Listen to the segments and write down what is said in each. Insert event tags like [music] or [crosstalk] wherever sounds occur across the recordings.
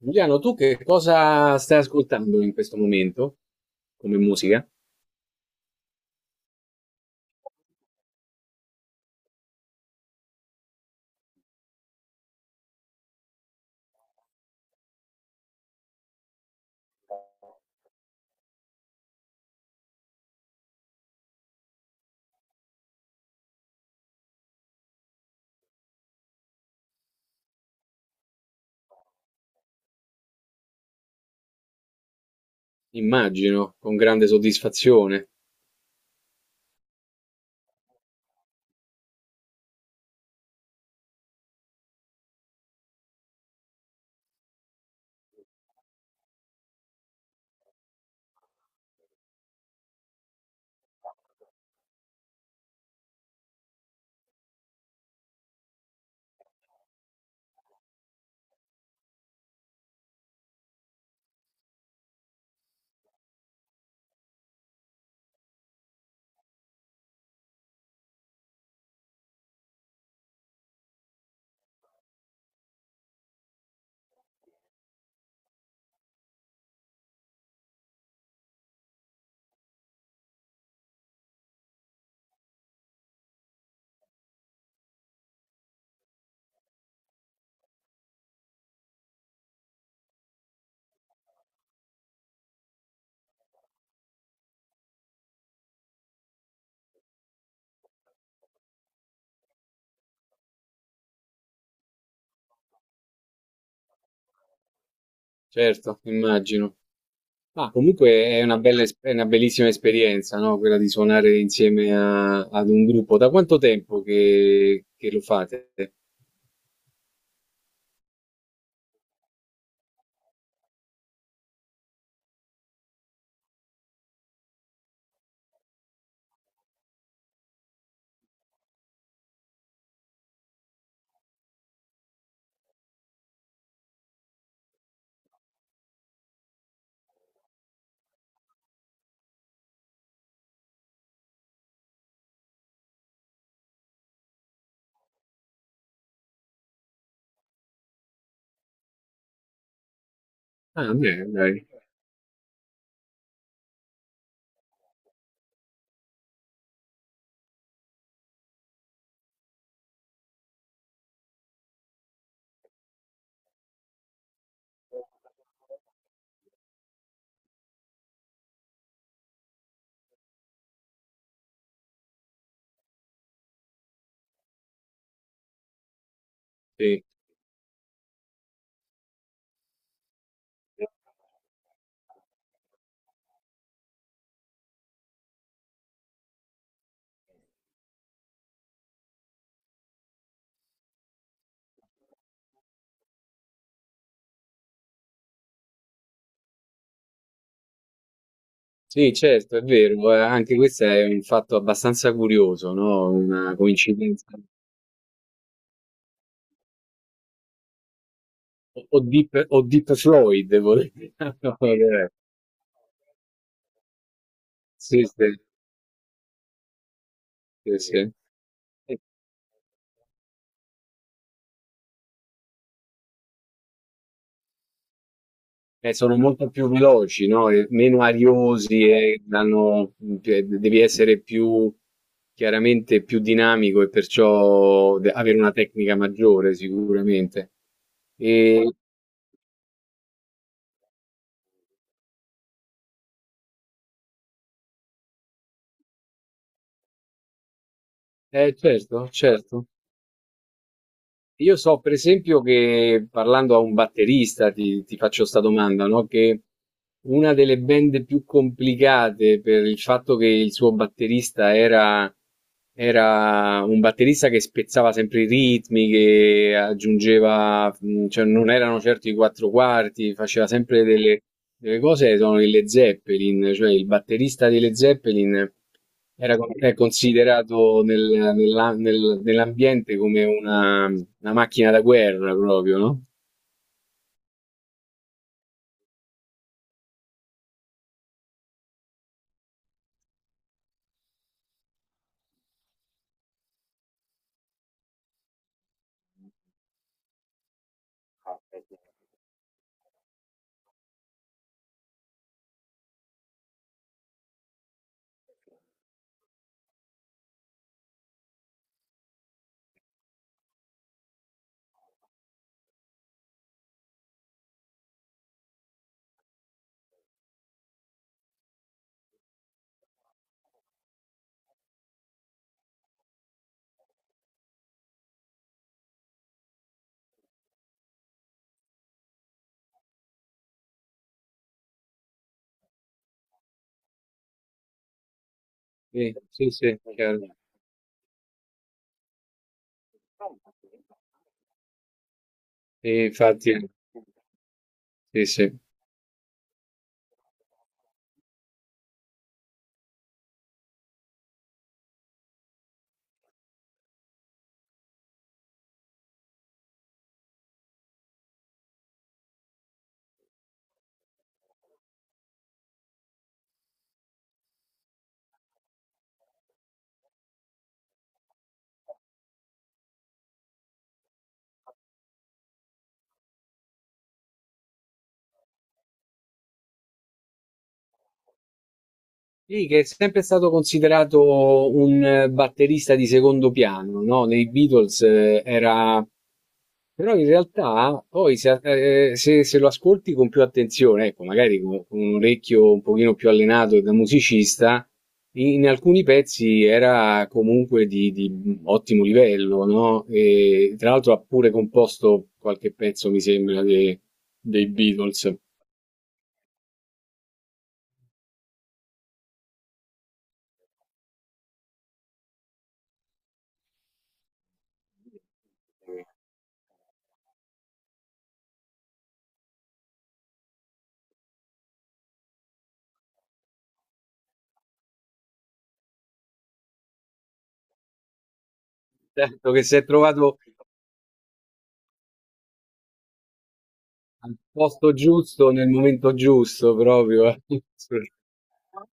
Giuliano, tu che cosa stai ascoltando in questo momento come musica? Immagino, con grande soddisfazione, certo, immagino. Ma comunque è una bella, è una bellissima esperienza, no? Quella di suonare insieme ad un gruppo. Da quanto tempo che lo fate? Ah, bene, dai. Sì. Sì, certo, è vero, anche questo è un fatto abbastanza curioso, no? Una coincidenza. O Deep Floyd, volevo dire. [laughs] Sì, sì, sì, sì. E e sono molto più veloci, no? E meno ariosi e danno, cioè, devi essere più chiaramente più dinamico e perciò avere una tecnica maggiore sicuramente. E, certo, certo. Io so per esempio che parlando a un batterista, ti faccio questa domanda, no? Che una delle band più complicate per il fatto che il suo batterista era, era un batterista che spezzava sempre i ritmi, che aggiungeva, cioè non erano certo i quattro quarti, faceva sempre delle cose, sono i Led Zeppelin, cioè il batterista dei Led Zeppelin era è considerato nell'ambiente come una macchina da guerra proprio, no? Sì, sì, sì, chiaro. Sì, infatti, sì, sì. Sì, che è sempre stato considerato un batterista di secondo piano, no? Nei Beatles era... Però in realtà poi se lo ascolti con più attenzione, ecco, magari con un orecchio un pochino più allenato e da musicista, in alcuni pezzi era comunque di ottimo livello, no? E tra l'altro ha pure composto qualche pezzo, mi sembra, dei Beatles. Certo che si è trovato al posto giusto, nel momento giusto proprio, eh. [laughs]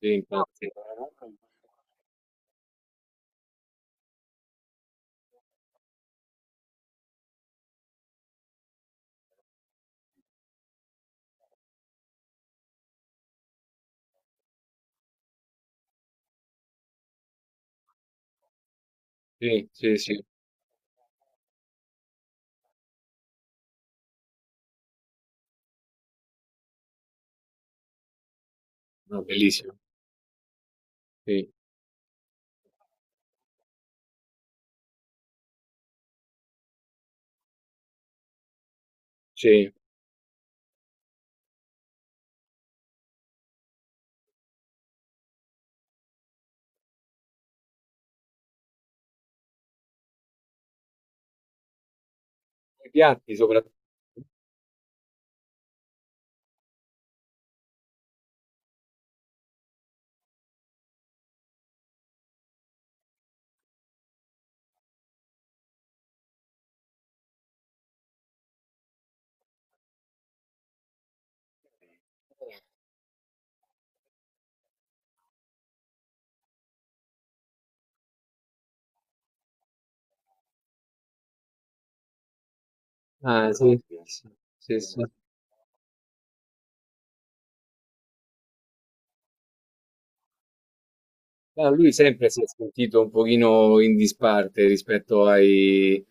Sì, infatti. Sì, sì, sì, no, bellissimo. Sì, sì. I piatti soprattutto. Ah, sì, sì, sì, sì. Ah, lui sempre si è sentito un pochino in disparte rispetto ai,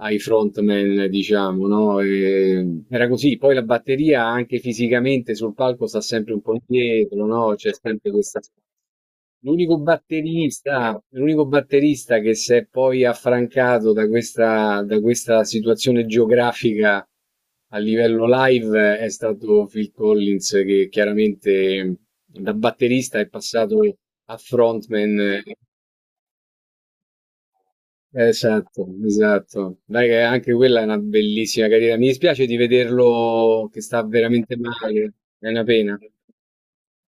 ai frontman, diciamo, no? E era così. Poi la batteria anche fisicamente sul palco sta sempre un po' indietro, no? C'è sempre questa. L'unico batterista che si è poi affrancato da questa situazione geografica a livello live è stato Phil Collins, che chiaramente da batterista è passato a frontman. Esatto, esatto. Dai, che anche quella è una bellissima carriera. Mi dispiace di vederlo che sta veramente male, è una pena.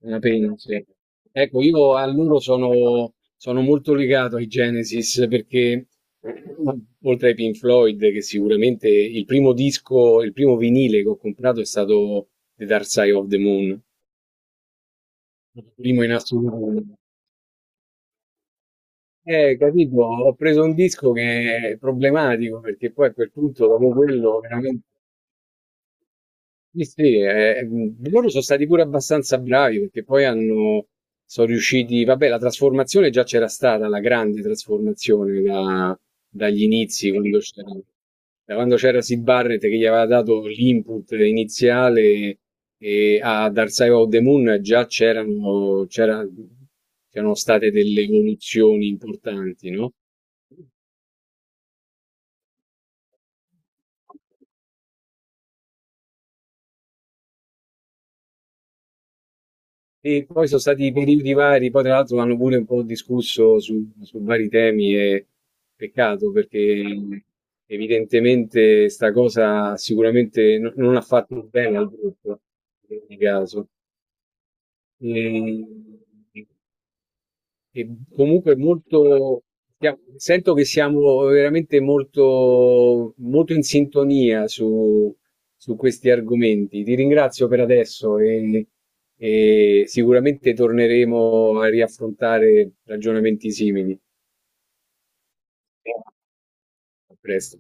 La pensi. Ecco, io a loro sono, sono molto legato ai Genesis perché, oltre ai Pink Floyd, che sicuramente il primo disco, il primo vinile che ho comprato è stato The Dark Side of the Moon, il primo in assoluto. Capito, ho preso un disco che è problematico perché poi a quel punto, dopo quello, veramente. Sì, sì, loro sono stati pure abbastanza bravi perché poi hanno, sono riusciti, vabbè, la trasformazione già c'era stata, la grande trasformazione dagli inizi, da quando c'era Sid Barrett che gli aveva dato l'input iniziale e a Dark Side of the Moon già c'erano state delle evoluzioni importanti, no? E poi sono stati periodi vari, poi tra l'altro hanno pure un po' discusso su, su vari temi e peccato perché evidentemente sta cosa sicuramente non ha fatto bene al gruppo in ogni caso. E- e comunque molto, sento che siamo veramente molto, molto in sintonia su, su questi argomenti. Ti ringrazio per adesso e sicuramente torneremo a riaffrontare ragionamenti simili. A presto.